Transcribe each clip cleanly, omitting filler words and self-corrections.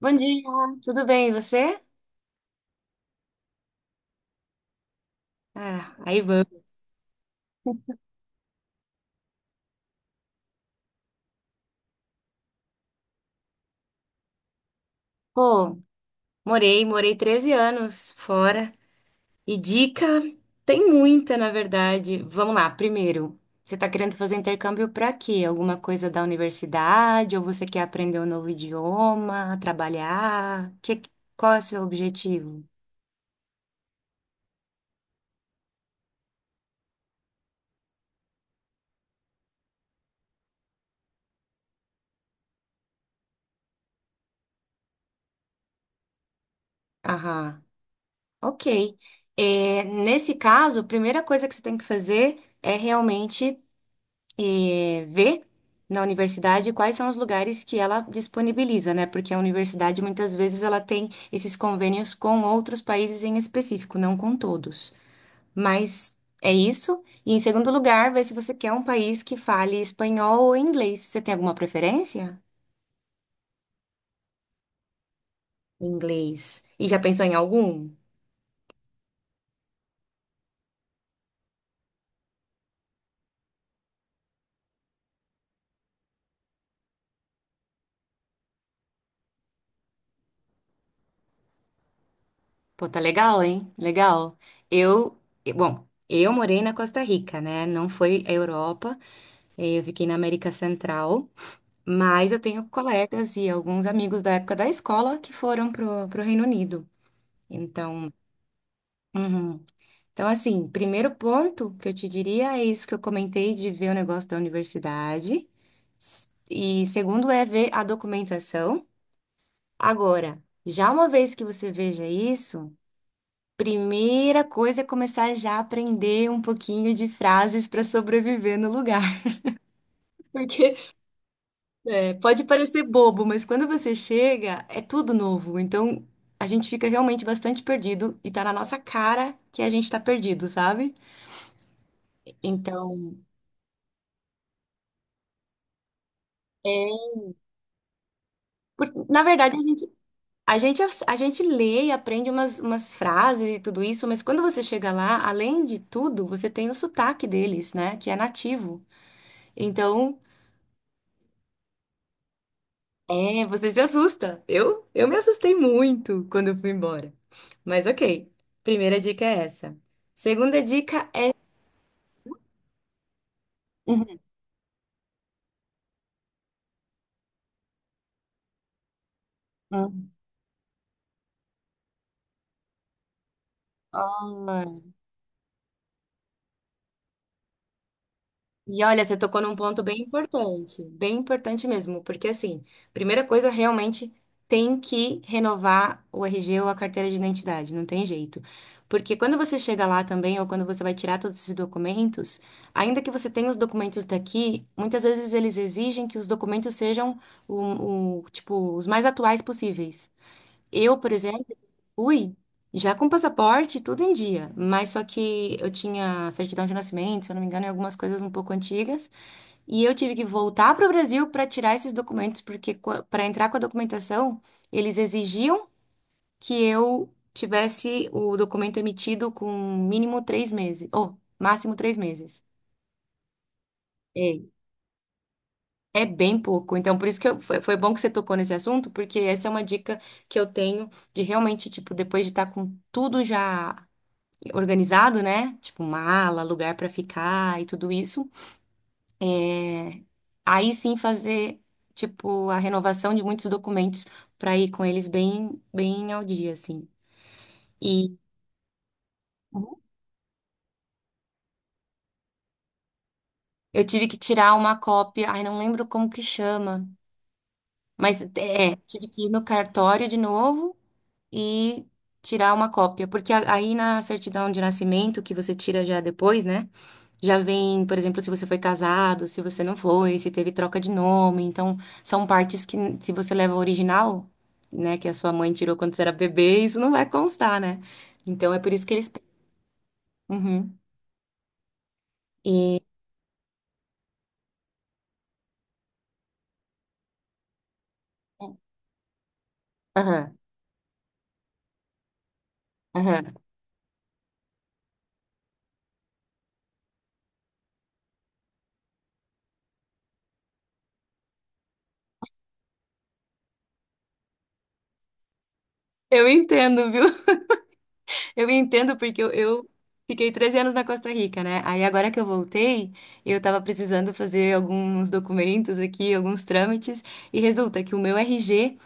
Bom dia, tudo bem, e você? Ah, aí vamos. Pô, morei 13 anos fora. E dica tem muita, na verdade. Vamos lá, primeiro, você tá querendo fazer intercâmbio pra quê? Alguma coisa da universidade? Ou você quer aprender um novo idioma, trabalhar? Qual é o seu objetivo? Aham, ok. É, nesse caso, a primeira coisa que você tem que fazer é realmente ver na universidade quais são os lugares que ela disponibiliza, né? Porque a universidade muitas vezes ela tem esses convênios com outros países em específico, não com todos. Mas é isso. E em segundo lugar, ver se você quer um país que fale espanhol ou inglês. Você tem alguma preferência? Inglês. E já pensou em algum? Pô, tá legal, hein? Legal. Eu, bom, eu morei na Costa Rica, né? Não foi a Europa. Eu fiquei na América Central. Mas eu tenho colegas e alguns amigos da época da escola que foram pro Reino Unido. Então, uhum. Então, assim, primeiro ponto que eu te diria é isso que eu comentei de ver o negócio da universidade. E segundo é ver a documentação. Agora, já uma vez que você veja isso, primeira coisa é começar já a aprender um pouquinho de frases para sobreviver no lugar. Porque pode parecer bobo, mas quando você chega, é tudo novo. Então, a gente fica realmente bastante perdido e tá na nossa cara que a gente tá perdido, sabe? Então, é, na verdade, a gente lê e aprende umas frases e tudo isso, mas quando você chega lá, além de tudo, você tem o sotaque deles, né? Que é nativo. Então, você se assusta. Eu me assustei muito quando eu fui embora. Mas ok, primeira dica é essa. Segunda dica é. Hum. E olha, você tocou num ponto bem importante mesmo, porque assim, primeira coisa, realmente tem que renovar o RG ou a carteira de identidade, não tem jeito. Porque quando você chega lá também, ou quando você vai tirar todos esses documentos, ainda que você tenha os documentos daqui, muitas vezes eles exigem que os documentos sejam tipo, os mais atuais possíveis. Eu, por exemplo, fui já com passaporte, tudo em dia, mas só que eu tinha certidão de nascimento, se eu não me engano, e algumas coisas um pouco antigas, e eu tive que voltar para o Brasil para tirar esses documentos, porque para entrar com a documentação, eles exigiam que eu tivesse o documento emitido com mínimo 3 meses, ou máximo 3 meses. É, é bem pouco. Então, por isso que foi bom que você tocou nesse assunto, porque essa é uma dica que eu tenho de realmente, tipo, depois de estar com tudo já organizado, né? Tipo, mala, lugar pra ficar e tudo isso. É, aí sim fazer, tipo, a renovação de muitos documentos pra ir com eles bem, bem ao dia, assim. E eu tive que tirar uma cópia, ai, não lembro como que chama, mas tive que ir no cartório de novo e tirar uma cópia, porque aí na certidão de nascimento, que você tira já depois, né? Já vem, por exemplo, se você foi casado, se você não foi, se teve troca de nome. Então, são partes que, se você leva o original, né, que a sua mãe tirou quando você era bebê, isso não vai constar, né? Então, é por isso que eles. Uhum. Aham, aham. Eu entendo, viu? Eu entendo porque eu fiquei 13 anos na Costa Rica, né? Aí agora que eu voltei, eu tava precisando fazer alguns documentos aqui, alguns trâmites, e resulta que o meu RG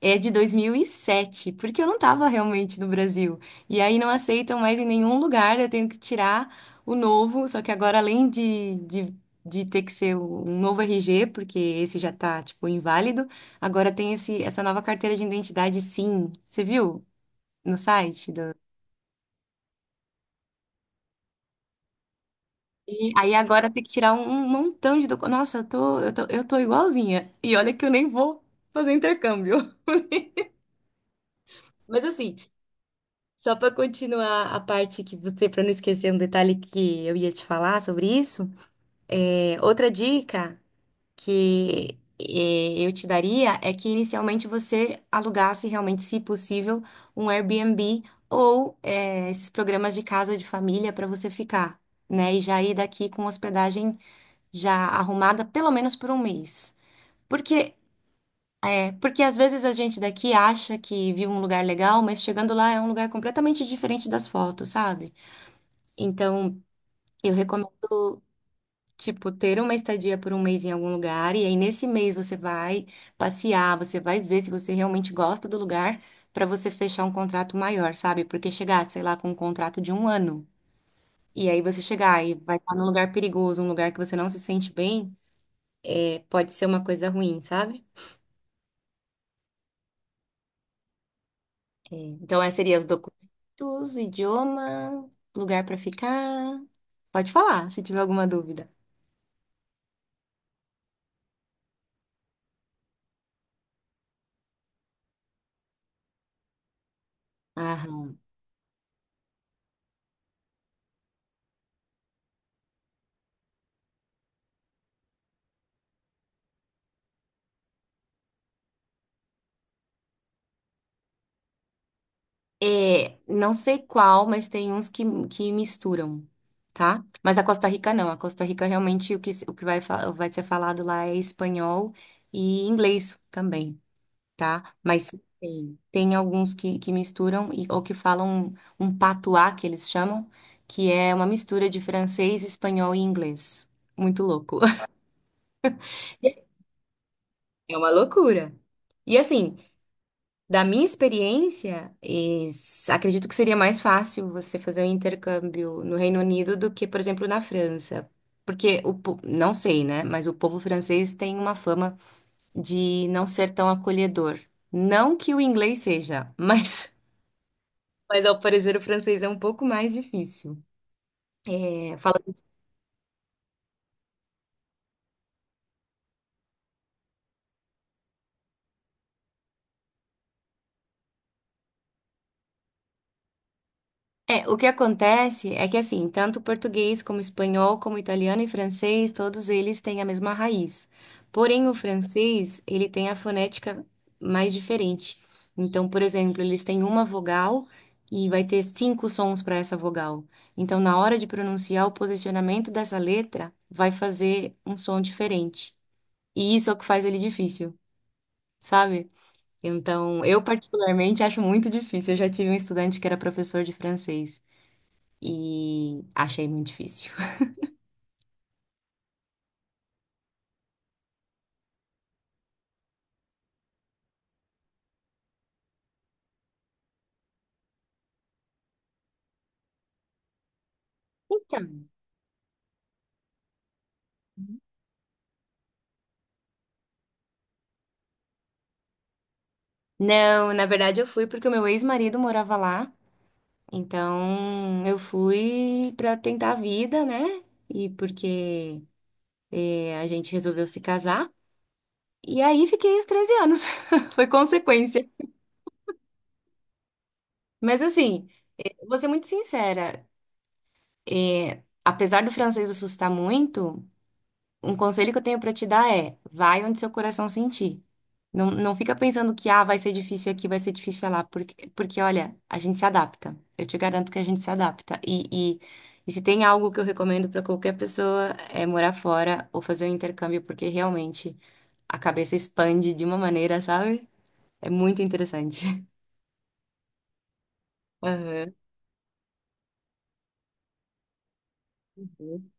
é de 2007, porque eu não estava realmente no Brasil. E aí não aceitam mais em nenhum lugar, eu tenho que tirar o novo. Só que agora, além de ter que ser um novo RG, porque esse já tá, tipo, inválido, agora tem essa nova carteira de identidade, sim. Você viu no site? E aí agora tem que tirar um montão de documentos. Nossa, eu tô igualzinha. E olha que eu nem vou fazer intercâmbio. Mas assim, só para continuar a parte que você, para não esquecer um detalhe que eu ia te falar sobre isso, outra dica que eu te daria é que inicialmente você alugasse realmente, se possível, um Airbnb ou esses programas de casa de família para você ficar, né? E já ir daqui com hospedagem já arrumada pelo menos por um mês. Porque, porque às vezes a gente daqui acha que viu um lugar legal, mas chegando lá é um lugar completamente diferente das fotos, sabe? Então, eu recomendo, tipo, ter uma estadia por um mês em algum lugar, e aí nesse mês você vai passear, você vai ver se você realmente gosta do lugar, para você fechar um contrato maior, sabe? Porque chegar, sei lá, com um contrato de um ano, e aí você chegar e vai estar num lugar perigoso, um lugar que você não se sente bem, pode ser uma coisa ruim, sabe? É, então, esses seriam os documentos, idioma, lugar para ficar. Pode falar, se tiver alguma dúvida. É, não sei qual, mas tem uns que misturam, tá? Mas a Costa Rica não. A Costa Rica realmente o que, se- o que vai ser falado lá é espanhol e inglês também, tá? Mas tem alguns que misturam e, ou que falam um patuá, que eles chamam, que é uma mistura de francês, espanhol e inglês. Muito louco. É uma loucura. E assim, da minha experiência, acredito que seria mais fácil você fazer um intercâmbio no Reino Unido do que, por exemplo, na França. Porque não sei, né? Mas o povo francês tem uma fama de não ser tão acolhedor. Não que o inglês seja, mas, mas ao parecer o francês é um pouco mais difícil. É, o que acontece é que, assim, tanto português como espanhol, como italiano e francês, todos eles têm a mesma raiz. Porém, o francês, ele tem a fonética mais diferente. Então, por exemplo, eles têm uma vogal e vai ter cinco sons para essa vogal. Então, na hora de pronunciar, o posicionamento dessa letra vai fazer um som diferente. E isso é o que faz ele difícil, sabe? Então, eu particularmente acho muito difícil. Eu já tive um estudante que era professor de francês e achei muito difícil. Então, não, na verdade eu fui porque o meu ex-marido morava lá, então eu fui pra tentar a vida, né? E porque a gente resolveu se casar. E aí fiquei os 13 anos. Foi consequência. Mas assim, vou ser muito sincera, apesar do francês assustar muito. Um conselho que eu tenho pra te dar é: vai onde seu coração sentir. Não, não fica pensando que ah, vai ser difícil aqui, vai ser difícil lá, porque olha, a gente se adapta. Eu te garanto que a gente se adapta. E se tem algo que eu recomendo pra qualquer pessoa é morar fora ou fazer um intercâmbio, porque realmente a cabeça expande de uma maneira, sabe? É muito interessante. Aham.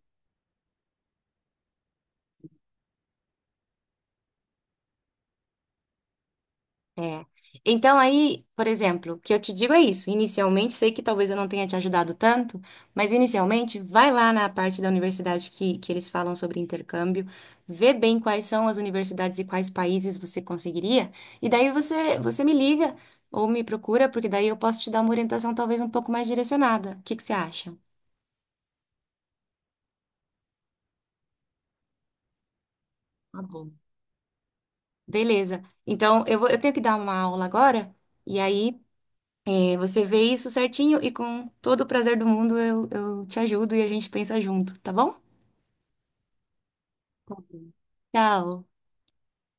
É. Então aí, por exemplo, o que eu te digo é isso. Inicialmente, sei que talvez eu não tenha te ajudado tanto, mas inicialmente, vai lá na parte da universidade que eles falam sobre intercâmbio, vê bem quais são as universidades e quais países você conseguiria, e daí você me liga ou me procura, porque daí eu posso te dar uma orientação talvez um pouco mais direcionada. O que que você acha? Tá bom. Beleza. Então, eu vou, eu tenho que dar uma aula agora, e aí, aí você vê isso certinho e com todo o prazer do mundo eu te ajudo e a gente pensa junto, tá bom? Tá bom. Tchau!